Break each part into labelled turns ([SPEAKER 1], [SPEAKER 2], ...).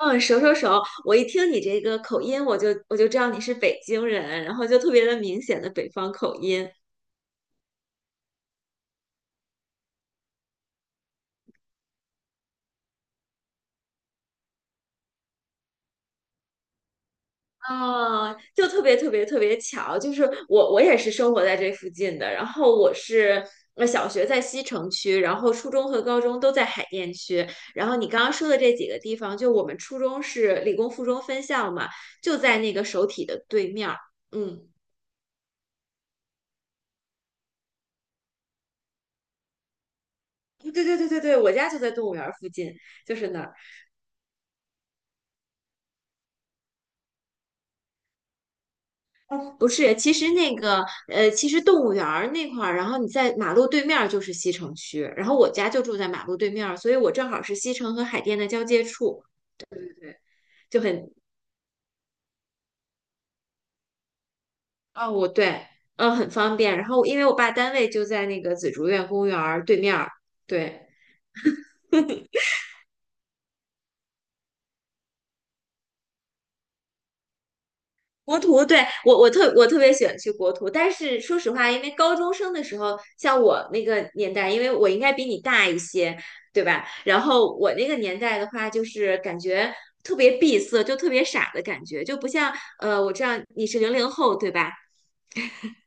[SPEAKER 1] 嗯，熟熟熟！我一听你这个口音，我就知道你是北京人，然后就特别的明显的北方口音，啊，就特别特别特别巧，就是我也是生活在这附近的，然后我是小学在西城区，然后初中和高中都在海淀区，然后你刚刚说的这几个地方，就我们初中是理工附中分校嘛，就在那个首体的对面儿，嗯，对对对对对，我家就在动物园儿附近，就是那儿。不是，其实动物园儿那块儿，然后你在马路对面儿就是西城区，然后我家就住在马路对面儿，所以我正好是西城和海淀的交界处，对，就很，哦，我对，很方便。然后因为我爸单位就在那个紫竹院公园儿对面儿，对。国图，对，我特别喜欢去国图，但是说实话，因为高中生的时候，像我那个年代，因为我应该比你大一些，对吧？然后我那个年代的话，就是感觉特别闭塞，就特别傻的感觉，就不像我知道你是零零后，对吧？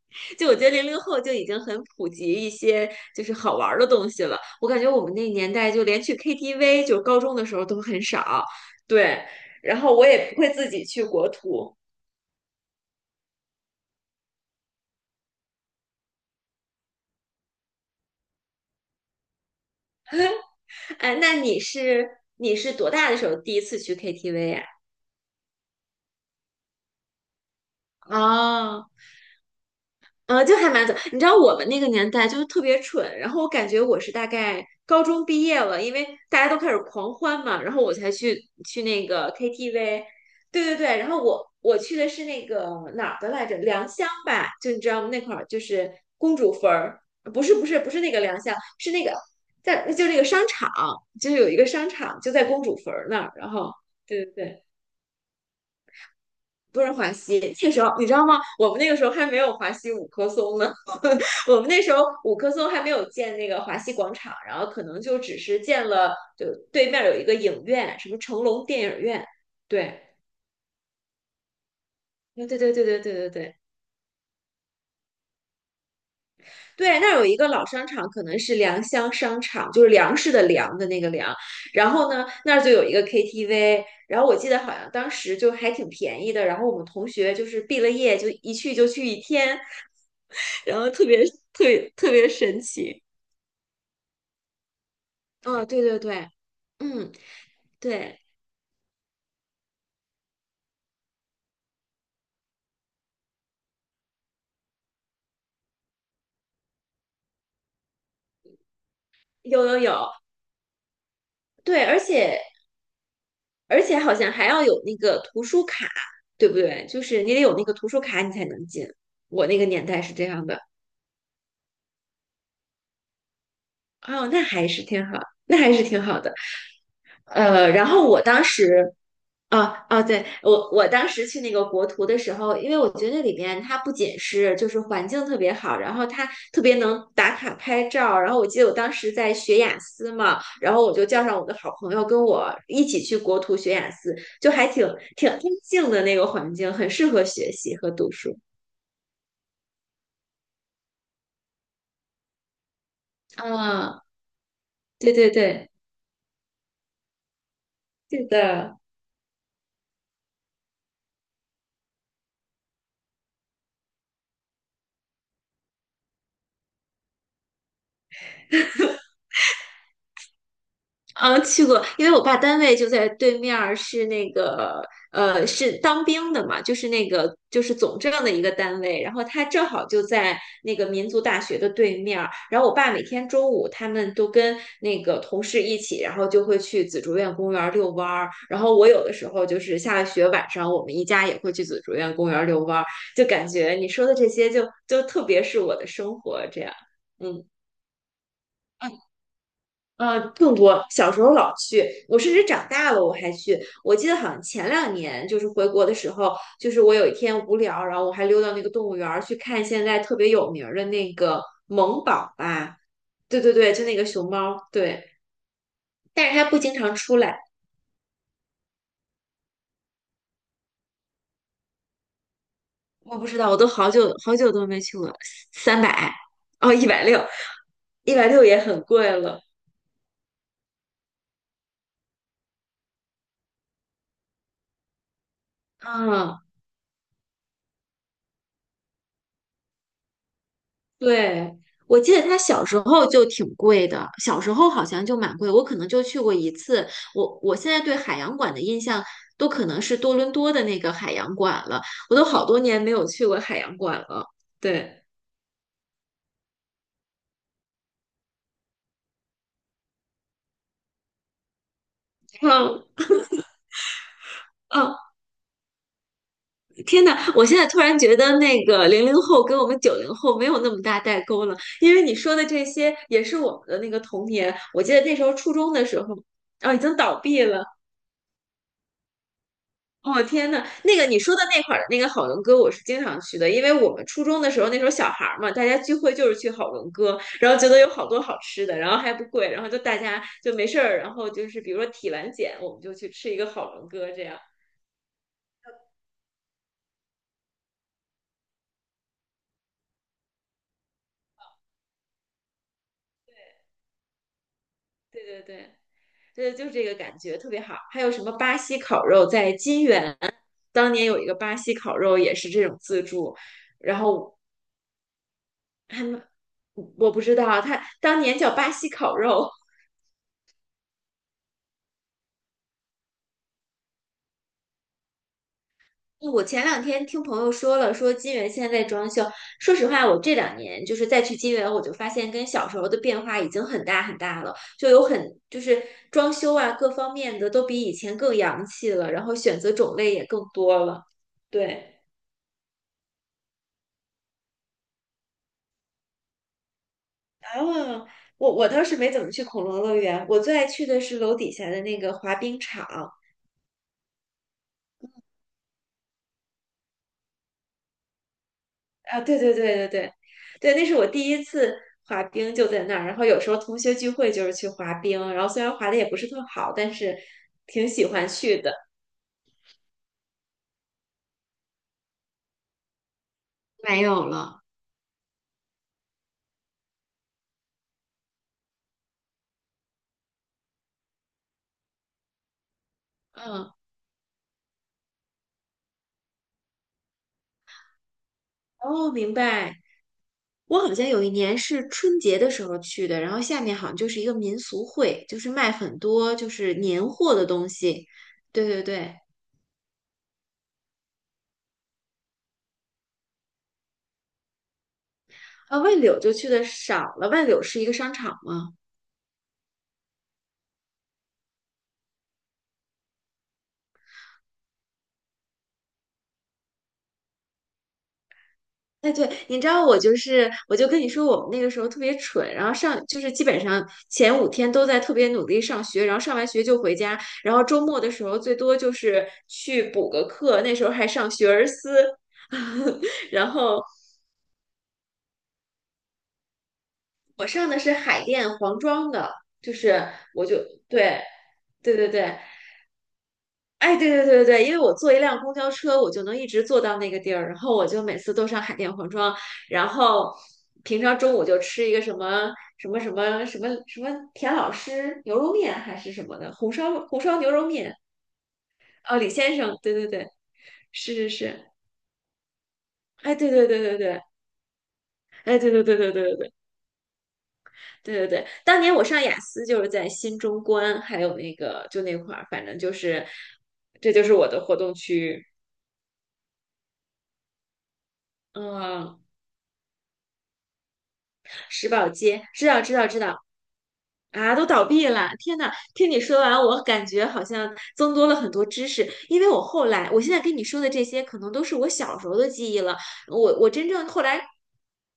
[SPEAKER 1] 就我觉得00后就已经很普及一些就是好玩儿的东西了，我感觉我们那年代就连去 KTV，就高中的时候都很少，对，然后我也不会自己去国图。哎，那你是多大的时候第一次去 KTV 呀？哦，就还蛮早。你知道我们那个年代就是特别蠢，然后我感觉我是大概高中毕业了，因为大家都开始狂欢嘛，然后我才去那个 KTV。对对对，然后我去的是那个哪儿的来着？良乡吧，就你知道吗？那块儿就是公主坟儿，不是不是不是那个良乡，是那个在就那个商场，就是有一个商场就在公主坟儿那儿。然后对对对，不是华西，那个时候你知道吗？我们那个时候还没有华西五棵松呢，我们那时候五棵松还没有建那个华西广场，然后可能就只是建了，就对面有一个影院，什么成龙电影院，对。对对对对对对对对对，那儿有一个老商场，可能是良乡商场，就是粮食的粮的那个粮。然后呢，那儿就有一个 KTV，然后我记得好像当时就还挺便宜的。然后我们同学就是毕了业就一去就去一天，然后特别特别特别神奇。哦，对对对，嗯，对，有有有，对，而且好像还要有那个图书卡，对不对？就是你得有那个图书卡，你才能进。我那个年代是这样的。哦，那还是挺好，那还是挺好的。然后我当时哦哦，对，我当时去那个国图的时候，因为我觉得那里面它不仅是就是环境特别好，然后它特别能打卡拍照，然后我记得我当时在学雅思嘛，然后我就叫上我的好朋友跟我一起去国图学雅思，就还挺安静的那个环境，很适合学习和读书。啊，对对对，是的。嗯，去过，因为我爸单位就在对面儿，是那个是当兵的嘛，就是总政的一个单位，然后他正好就在那个民族大学的对面儿，然后我爸每天中午他们都跟那个同事一起，然后就会去紫竹院公园儿遛弯儿，然后我有的时候就是下了学晚上，我们一家也会去紫竹院公园儿遛弯儿，就感觉你说的这些就特别是我的生活这样，嗯。嗯，更多。小时候老去，我甚至长大了我还去。我记得好像前两年就是回国的时候，就是我有一天无聊，然后我还溜到那个动物园儿去看现在特别有名儿的那个萌宝吧，对对对，就那个熊猫，对，但是它不经常出来，我不知道，我都好久好久都没去过，300，哦，一百六，一百六也很贵了，嗯。对，我记得它小时候就挺贵的，小时候好像就蛮贵，我可能就去过一次。我现在对海洋馆的印象都可能是多伦多的那个海洋馆了，我都好多年没有去过海洋馆了。对，嗯嗯，哦天呐，我现在突然觉得那个零零后跟我们90后没有那么大代沟了，因为你说的这些也是我们的那个童年。我记得那时候初中的时候，啊，已经倒闭了。哦天呐，那个你说的那块儿的那个好伦哥，我是经常去的，因为我们初中的时候，那时候小孩儿嘛，大家聚会就是去好伦哥，然后觉得有好多好吃的，然后还不贵，然后就大家就没事儿，然后就是比如说体完检，我们就去吃一个好伦哥，这样，对对对，对，就这个感觉特别好。还有什么巴西烤肉，在金源当年有一个巴西烤肉也是这种自助，然后他们我不知道啊，他当年叫巴西烤肉，我前两天听朋友说了，说金源现在在装修。说实话，我这两年就是再去金源，我就发现跟小时候的变化已经很大很大了，就有很就是装修啊各方面的都比以前更洋气了，然后选择种类也更多了。对啊，我倒是没怎么去恐龙乐园，我最爱去的是楼底下的那个滑冰场，啊，对对对对对对，那是我第一次滑冰，就在那儿。然后有时候同学聚会就是去滑冰，然后虽然滑的也不是特好，但是挺喜欢去的。没有了。嗯，哦，明白。我好像有一年是春节的时候去的，然后下面好像就是一个民俗会，就是卖很多就是年货的东西。对对对，啊，万柳就去的少了。万柳是一个商场吗？哎，对，你知道我就是，我就跟你说，我们那个时候特别蠢，然后上就是基本上前五天都在特别努力上学，然后上完学就回家，然后周末的时候最多就是去补个课，那时候还上学而思，然后我上的是海淀黄庄的，就是我就对对对对，哎，对对对对对，因为我坐一辆公交车，我就能一直坐到那个地儿，然后我就每次都上海淀黄庄，然后平常中午就吃一个什么田老师牛肉面还是什么的，红烧牛肉面，哦，李先生，对对对，是是是，哎，对对对对对，哎，对对对对对对对对对对，当年我上雅思就是在新中关，还有那个就那块儿，反正就是这就是我的活动区域，嗯，石宝街，知道知道知道。啊，都倒闭了！天呐，听你说完，我感觉好像增多了很多知识。因为我后来，我现在跟你说的这些，可能都是我小时候的记忆了。我真正后来，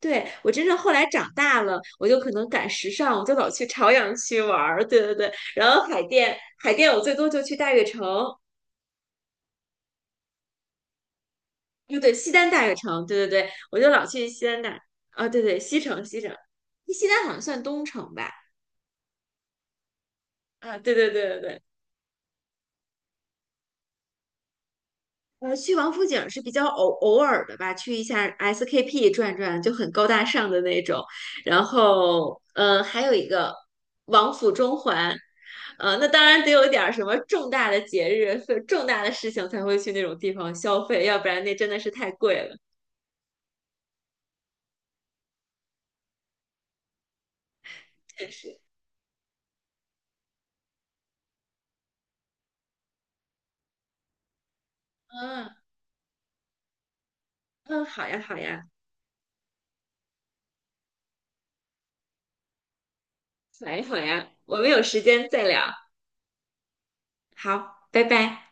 [SPEAKER 1] 对，我真正后来长大了，我就可能赶时尚，我就老去朝阳区玩儿。对对对，然后海淀，海淀我最多就去大悦城，不对，西单大悦城，对对对，我就老去西单大，啊，对对，西城西城，西单好像算东城吧？啊，对对对对对。去王府井是比较偶尔的吧，去一下 SKP 转转就很高大上的那种。然后，还有一个王府中环，那当然得有一点儿什么重大的节日、重大的事情才会去那种地方消费，要不然那真的是太贵了。确实，嗯嗯，好呀好呀，好呀好呀，我们有时间再聊，好，拜拜。